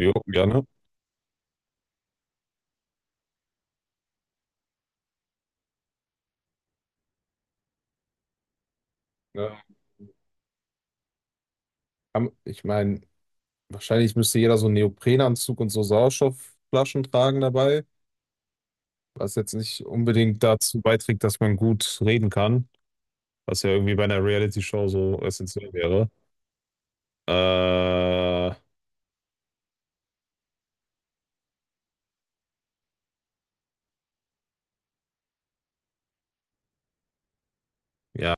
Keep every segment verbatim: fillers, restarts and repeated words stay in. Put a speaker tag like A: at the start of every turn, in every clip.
A: Jo, gerne. Ja. Am- Ich meine, wahrscheinlich müsste jeder so einen Neoprenanzug und so Sauerstoffflaschen tragen dabei, was jetzt nicht unbedingt dazu beiträgt, dass man gut reden kann, was ja irgendwie bei einer Reality-Show so essentiell wäre. Äh, ja,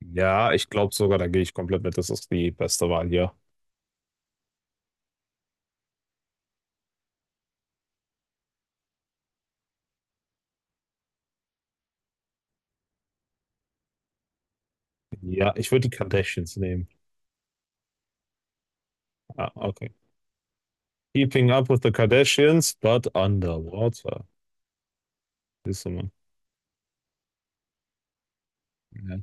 A: ja, ich glaube sogar, da gehe ich komplett mit. Das ist die beste Wahl hier. Ja, ich würde die Kardashians nehmen. Ah, okay. Keeping up with the Kardashians, but underwater. Siehst du mal. Ja.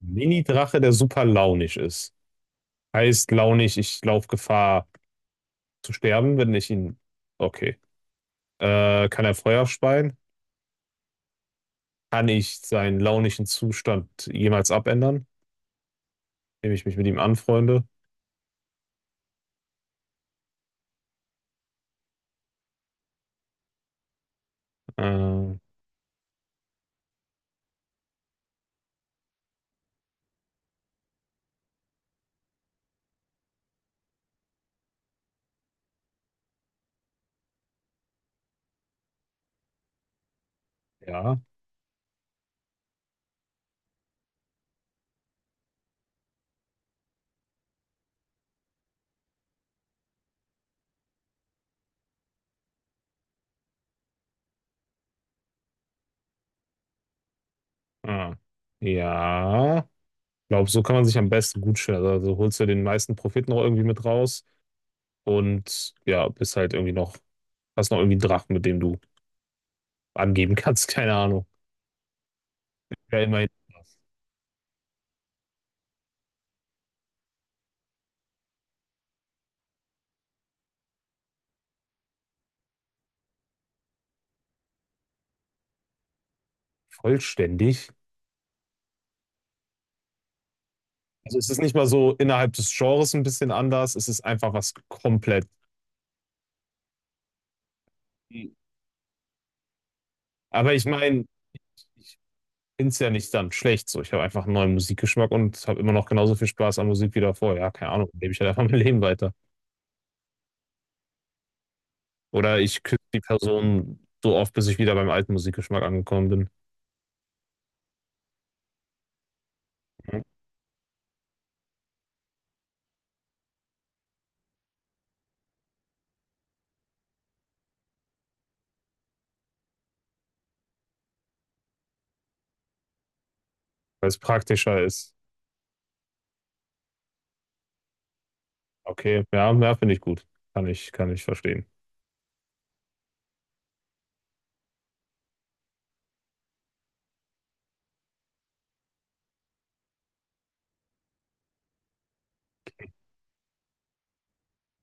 A: Mini-Drache, der super launig ist. Heißt launig, ich laufe Gefahr zu sterben, wenn ich ihn. Okay. Äh, kann er Feuer speien? Kann ich seinen launischen Zustand jemals abändern, indem ich mich mit ihm anfreunde? Äh, ja. Ah. Ja. Ich glaube, so kann man sich am besten gut stellen. Also holst du den meisten Profit noch irgendwie mit raus und ja, bist halt irgendwie noch, hast noch irgendwie einen Drachen, mit dem du angeben kannst. Keine Ahnung. Ja, immerhin vollständig. Also es ist nicht mal so innerhalb des Genres ein bisschen anders, es ist einfach was komplett. Aber ich meine, ich finde es ja nicht dann schlecht so. Ich habe einfach einen neuen Musikgeschmack und habe immer noch genauso viel Spaß an Musik wie davor. Ja, keine Ahnung, lebe ich halt einfach mein Leben weiter. Oder ich küsse die Person so oft, bis ich wieder beim alten Musikgeschmack angekommen bin, mhm, weil es praktischer ist. Okay, ja, ja, finde ich gut. Kann ich, kann ich verstehen.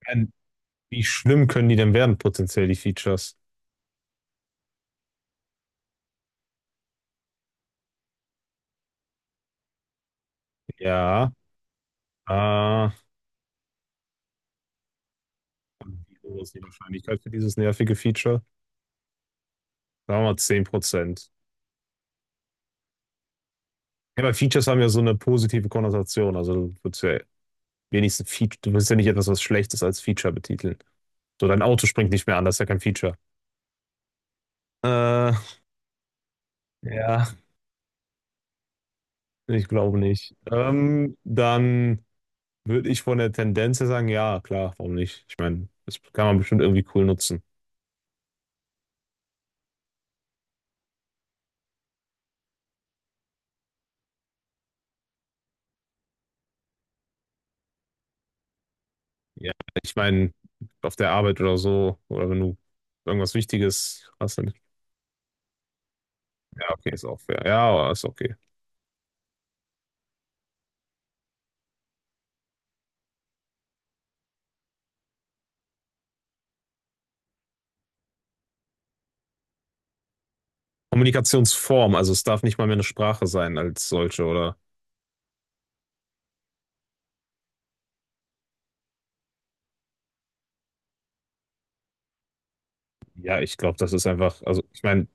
A: Ähm, Wie schlimm können die denn werden, potenziell, die Features? Ja, ah. Wie hoch ist die Wahrscheinlichkeit für dieses nervige Feature? Sagen wir mal zehn Prozent. Ja, aber Features haben ja so eine positive Konnotation. Also du würdest ja wenigstens Feature, du willst ja nicht etwas, was Schlechtes als Feature betiteln. So, dein Auto springt nicht mehr an, das ist ja kein Feature. Äh, ja, ich glaube nicht. Ähm, dann würde ich von der Tendenz her sagen, ja, klar, warum nicht? Ich meine, das kann man bestimmt irgendwie cool nutzen. Ja, ich meine, auf der Arbeit oder so, oder wenn du irgendwas Wichtiges hast, dann, ja, okay, ist auch fair. Ja, aber ist okay. Kommunikationsform, also es darf nicht mal mehr eine Sprache sein als solche, oder? Ja, ich glaube, das ist einfach, also ich meine,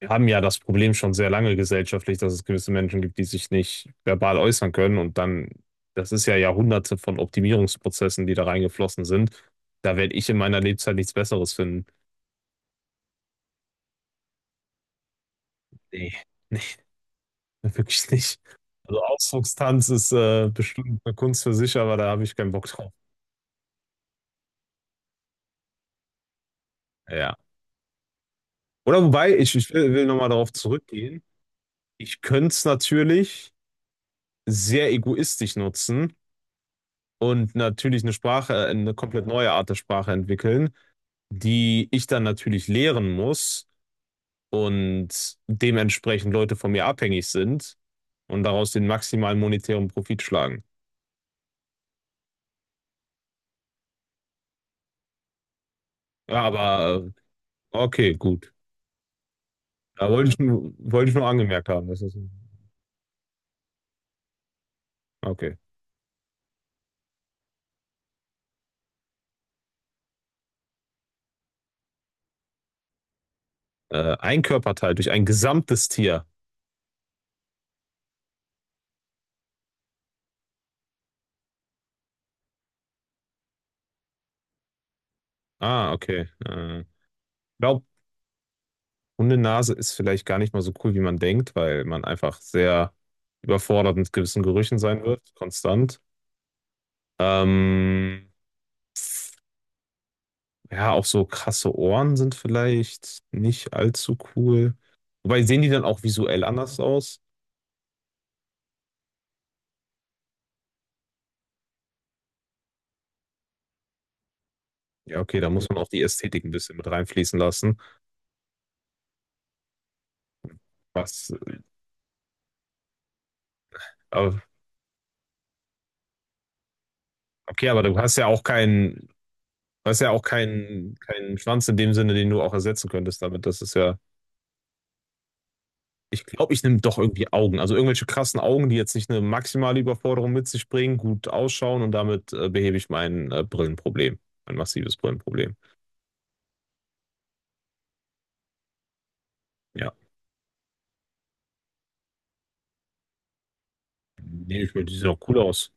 A: wir haben ja das Problem schon sehr lange gesellschaftlich, dass es gewisse Menschen gibt, die sich nicht verbal äußern können und dann, das ist ja Jahrhunderte von Optimierungsprozessen, die da reingeflossen sind. Da werde ich in meiner Lebzeit nichts Besseres finden. Nee, nee, wirklich nicht. Also Ausdruckstanz ist äh, bestimmt eine Kunst für sich, aber da habe ich keinen Bock drauf. Ja. Oder wobei, ich, ich will, will nochmal darauf zurückgehen. Ich könnte es natürlich sehr egoistisch nutzen und natürlich eine Sprache, äh, eine komplett neue Art der Sprache entwickeln, die ich dann natürlich lehren muss und dementsprechend Leute von mir abhängig sind und daraus den maximalen monetären Profit schlagen. Ja, aber äh, okay, gut. Da wollte ich nur, wollte ich nur angemerkt haben. Das ist, okay. Äh, ein Körperteil durch ein gesamtes Tier. Ah, okay. Äh, glaub, Hundenase ist vielleicht gar nicht mal so cool, wie man denkt, weil man einfach sehr überfordert mit gewissen Gerüchen sein wird, konstant. Ähm, ja, auch so krasse Ohren sind vielleicht nicht allzu cool. Wobei sehen die dann auch visuell anders aus? Ja, okay, da muss man auch die Ästhetik ein bisschen mit reinfließen lassen. Was, aber, okay, aber du hast ja auch keinen, du hast ja auch keinen, keinen Schwanz in dem Sinne, den du auch ersetzen könntest damit. Das ist ja. Ich glaube, ich nehme doch irgendwie Augen. Also irgendwelche krassen Augen, die jetzt nicht eine maximale Überforderung mit sich bringen, gut ausschauen und damit äh, behebe ich mein äh, Brillenproblem. Mein massives Brillenproblem. Ja, nehme ich mir, die sehen auch cool aus.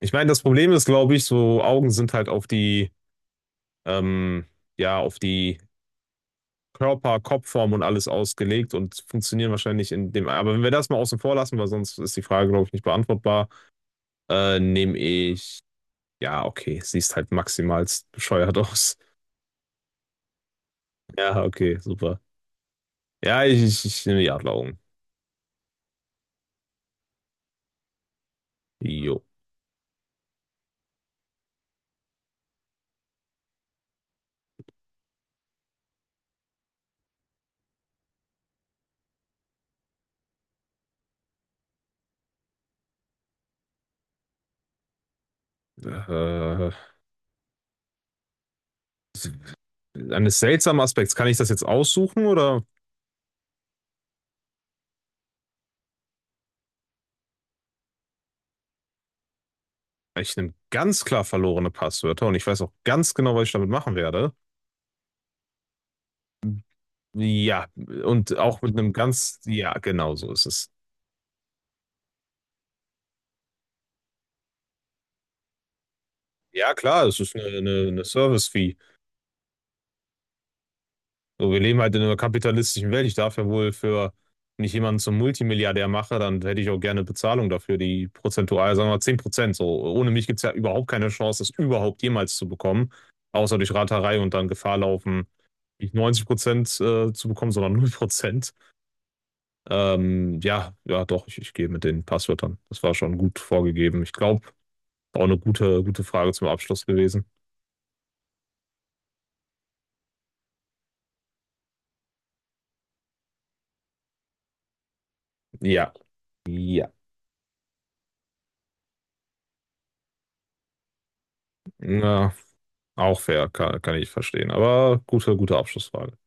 A: Ich meine, das Problem ist, glaube ich, so Augen sind halt auf die, ähm, ja, auf die Körper, Kopfform und alles ausgelegt und funktionieren wahrscheinlich in dem. Aber wenn wir das mal außen vor lassen, weil sonst ist die Frage, glaube ich, nicht beantwortbar, äh, nehme ich. Ja, okay, siehst halt maximal bescheuert aus. Ja, okay, super. Ja, ich, ich, ich nehme die Adleraugen. Jo. Äh, Eines seltsamen Aspekts. Kann ich das jetzt aussuchen oder? Ich nehme ganz klar verlorene Passwörter und ich weiß auch ganz genau, was ich damit machen werde. Ja, und auch mit einem ganz, ja, genau so ist es. Ja, klar, es ist eine, eine, eine Service-Fee. So, wir leben halt in einer kapitalistischen Welt. Ich darf ja wohl für, wenn ich jemanden zum Multimilliardär mache, dann hätte ich auch gerne Bezahlung dafür, die prozentual, sagen wir mal zehn Prozent. So, ohne mich gibt es ja überhaupt keine Chance, das überhaupt jemals zu bekommen, außer durch Raterei und dann Gefahr laufen, nicht neunzig Prozent äh, zu bekommen, sondern null Prozent. Ähm, ja, ja, doch, ich, ich gehe mit den Passwörtern. Das war schon gut vorgegeben. Ich glaube, auch eine gute, gute Frage zum Abschluss gewesen. Ja, ja. Na. Auch fair, kann, kann ich verstehen. Aber gute, gute Abschlussfrage.